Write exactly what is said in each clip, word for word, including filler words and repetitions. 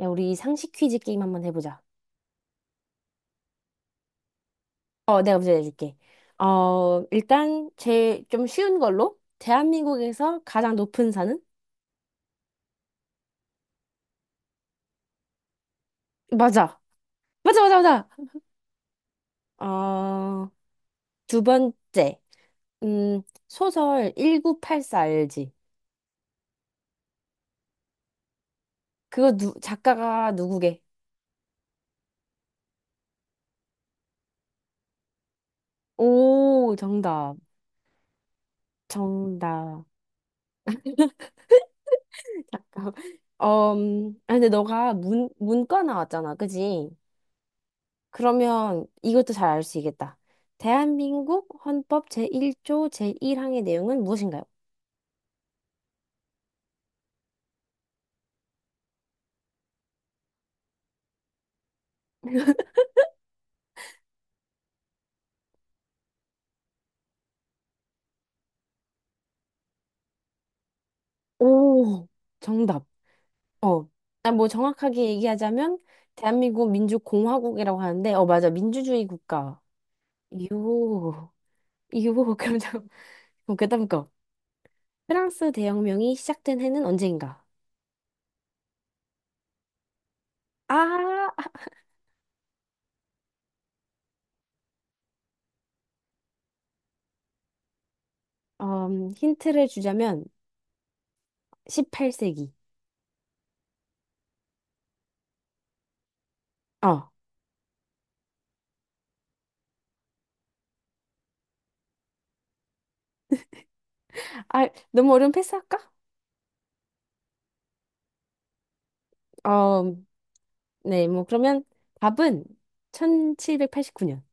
야, 우리 상식 퀴즈 게임 한번 해보자. 어, 내가 문제 내줄게. 어, 일단 제일 좀 쉬운 걸로 대한민국에서 가장 높은 산은? 맞아. 맞아, 맞아, 맞아. 어, 두 번째. 음, 소설 일구팔사 알지? 그거 누, 작가가 누구게? 오, 정답. 정답. 어, 음, 아, 근데 너가 문, 문과 나왔잖아, 그지? 그러면 이것도 잘 알 수 있겠다. 대한민국 헌법 제일 조 제일 항의 내용은 무엇인가요? 오, 정답. 어. 아, 뭐 정확하게 얘기하자면 대한민국 민주공화국이라고 하는데, 어, 맞아. 민주주의 국가. 요, 요, 그럼 잠, 그럼 그다음 거. 프랑스 대혁명이 시작된 해는 언제인가? 아, 음, 힌트를 주자면 십팔 세기. 어. 아, 너무 어려운 패스할까? 어, 네, 뭐 그러면 답은 천칠백팔십구 년.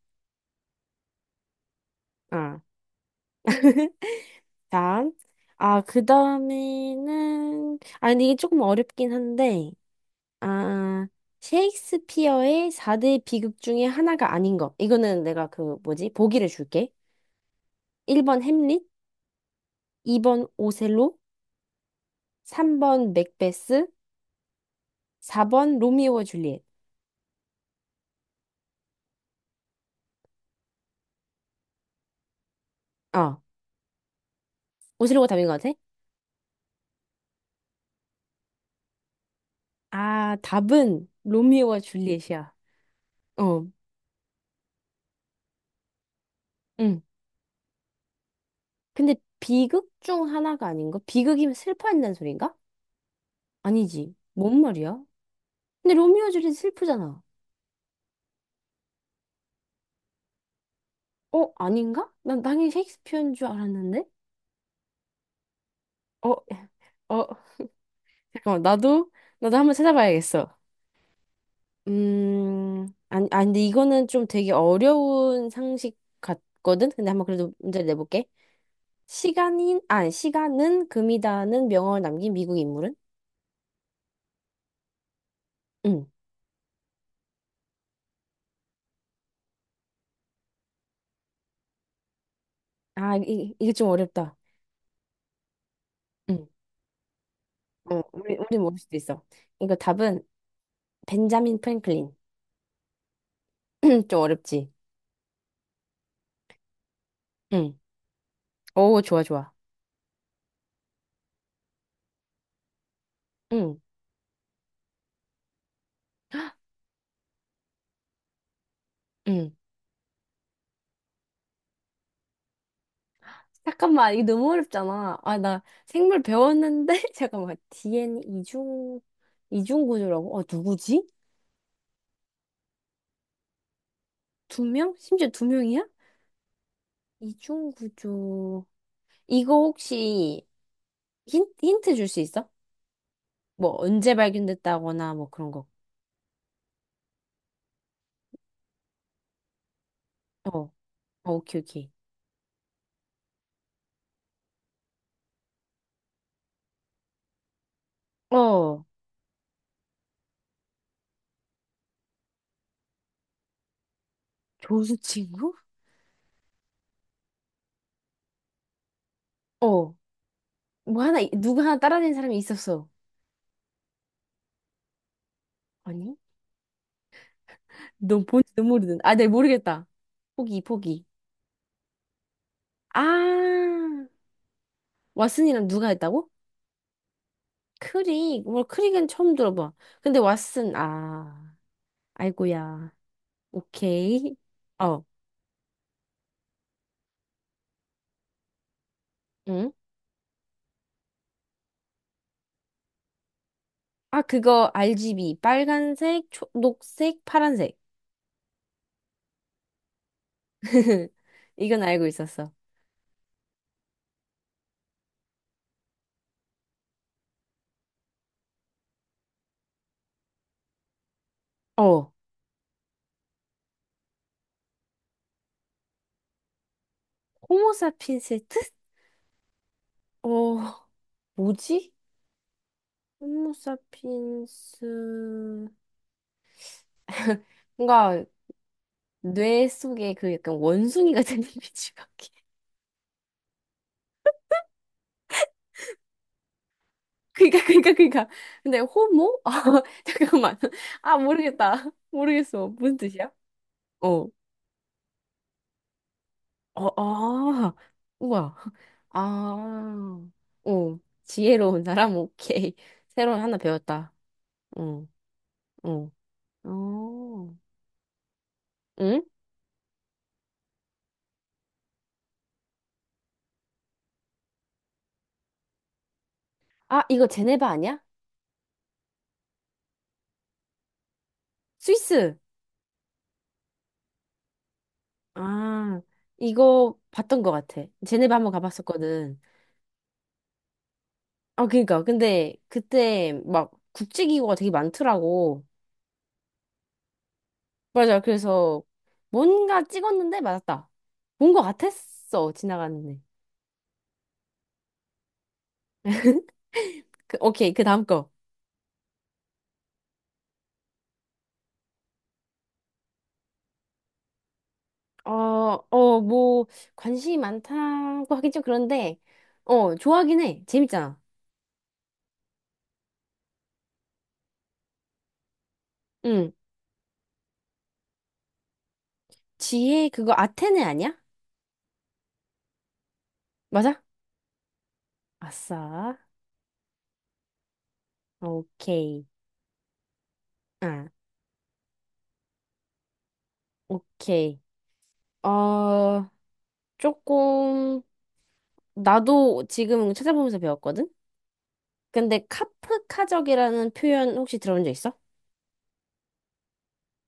아. 다음. 아, 그다음에는 아 근데 이게 조금 어렵긴 한데 아, 셰익스피어의 사 대 비극 중에 하나가 아닌 것. 이거는 내가 그 뭐지? 보기를 줄게. 일 번 햄릿, 이 번 오셀로, 삼 번 맥베스, 사 번 로미오와 줄리엣. 어. 오셀로가 답인 것 같아? 아, 답은 로미오와 줄리엣이야. 어. 응. 근데 비극 중 하나가 아닌가? 비극이면 슬퍼한다는 소린가? 아니지. 뭔 말이야? 근데 로미오 줄리 슬프잖아. 어, 아닌가? 난 당연히 셰익스피어인 줄 알았는데. 어, 어, 잠깐만. 나도 나도 한번 찾아봐야겠어. 음, 아니, 아니, 근데 이거는 좀 되게 어려운 상식 같거든. 근데 한번 그래도 문제를 내볼게. 시간인, 아, 시간은 금이다는 명언을 남긴 미국 인물은? 응. 아, 이, 이게 좀 어렵다. 응. 어, 우리 우리 모를 수도 있어. 이거 답은 벤자민 프랭클린. 좀 어렵지? 응. 오, 좋아, 좋아. 응. 응. 잠깐만, 이게 너무 어렵잖아. 아, 나 생물 배웠는데? 잠깐만, 디엔 이중, 이중구조라고? 어, 누구지? 두 명? 심지어 두 명이야? 이중구조. 이거 혹시 힌, 힌트 줄 수 있어? 뭐, 언제 발견됐다거나 뭐 그런 거. 어, 어, 오케이, 오케이. 어, 조수 친구? 어, 뭐 하나, 누구 하나 따라낸 사람이 있었어. 아니? 넌 본지도 모르는. 아, 네, 모르겠다. 포기, 포기. 아, 왓슨이랑 누가 했다고? 크릭. 뭐 크릭은 처음 들어봐. 근데 왓슨, 아, 아이고야. 오케이. 어, 응? 아, 그거 알지비. 빨간색, 초, 녹색, 파란색. 이건 알고 있었어. 어, 호모사핀스 뜻? 어, 뭐지? 호모사핀스. 뭔가 뇌 속에 그 약간 원숭이 같은 이미지가. 그니까, 그니까, 그니까. 근데 호모? 아, 잠깐만. 아, 모르겠다. 모르겠어. 무슨 뜻이야? 어. 어, 아. 우와. 아. 어. 지혜로운 사람? 오케이. 새로운 하나 배웠다. 어, 어. 어. 응? 아, 이거 제네바 아니야? 스위스. 아, 이거 봤던 것 같아. 제네바 한번 가봤었거든. 아, 그니까. 근데 그때 막 국제기구가 되게 많더라고. 맞아. 그래서 뭔가 찍었는데 맞았다. 본 것 같았어. 지나가는데. 그, 오케이. 그 다음 거. 어, 어, 뭐, 관심이 많다고 하긴 좀 그런데, 어, 좋아하긴 해. 재밌잖아. 응. 지혜, 그거 아테네 아니야? 맞아? 아싸. 오케이. 아, 오케이. 어, 조금, 나도 지금 찾아보면서 배웠거든? 근데 카프카적이라는 표현 혹시 들어본 적 있어?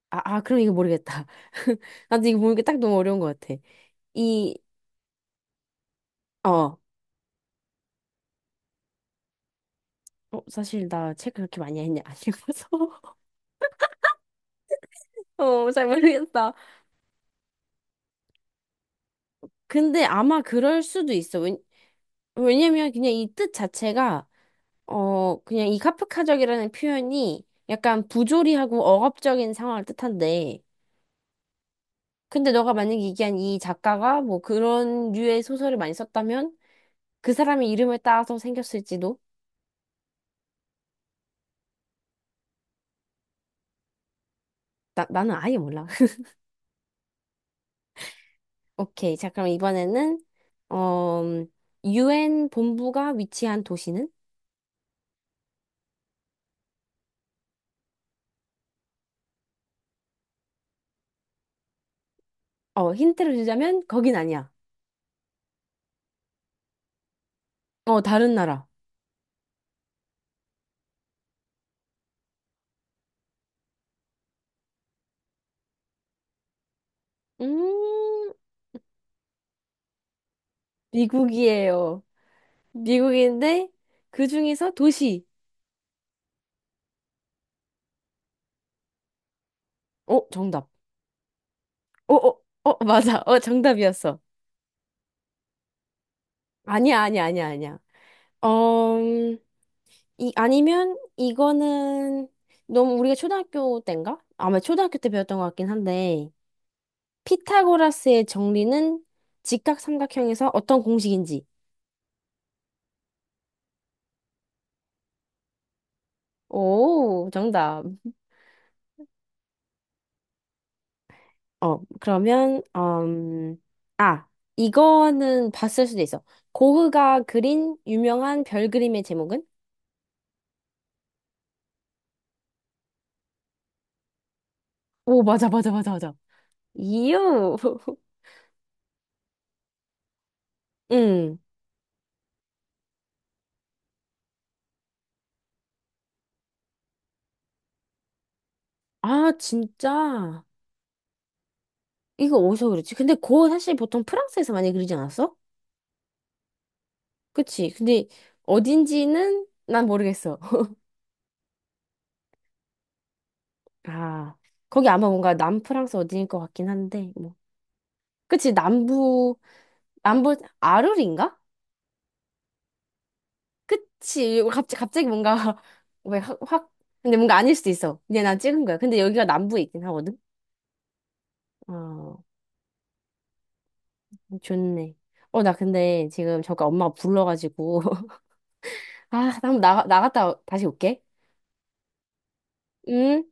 아, 아, 그럼 이거 모르겠다. 나도 이거 모르까게딱 너무 어려운 것 같아. 이, 어, 어, 사실 나 책 그렇게 많이 했냐? 안 읽어서. 어, 잘 모르겠다. 근데 아마 그럴 수도 있어. 왜, 왜냐면 그냥 이 뜻 자체가, 어, 그냥 이 카프카적이라는 표현이 약간 부조리하고 억압적인 상황을 뜻한데, 근데 너가 만약에 얘기한 이 작가가 뭐 그런 류의 소설을 많이 썼다면 그 사람의 이름을 따서 생겼을지도? 나, 나는 아예 몰라. 오케이. 자, 그럼 이번에는, 어, 유엔 본부가 위치한 도시는? 어, 힌트를 주자면, 거긴 아니야. 어, 다른 나라. 음, 미국이에요. 미국인데, 그 중에서 도시. 어, 정답. 어, 어, 어, 맞아. 어, 정답이었어. 아니야, 아니야, 아니야, 아니야. 어, 음, 이, 아니면, 이거는, 너무 우리가 초등학교 때인가? 아마 초등학교 때 배웠던 것 같긴 한데, 피타고라스의 정리는 직각삼각형에서 어떤 공식인지. 오, 정답. 어, 그러면, 음, 아, 이거는 봤을 수도 있어. 고흐가 그린 유명한 별 그림의 제목은? 오, 맞아, 맞아, 맞아, 맞아. 이유. 응. 아, 진짜. 이거 어디서 그랬지? 근데 고흐 사실 보통 프랑스에서 많이 그리지 않았어? 그치. 근데 어딘지는 난 모르겠어. 아, 거기 아마 뭔가 남프랑스 어딘일 것 같긴 한데, 뭐. 그치, 남부, 남부, 아르린가? 그치, 갑자기, 갑자기 뭔가, 왜 확, 확, 근데 뭔가 아닐 수도 있어. 그냥 난 찍은 거야. 근데 여기가 남부에 있긴 하거든? 어, 좋네. 어, 나 근데 지금 저까 엄마가 불러가지고. 아, 나 한번 나, 나갔다 다시 올게. 응?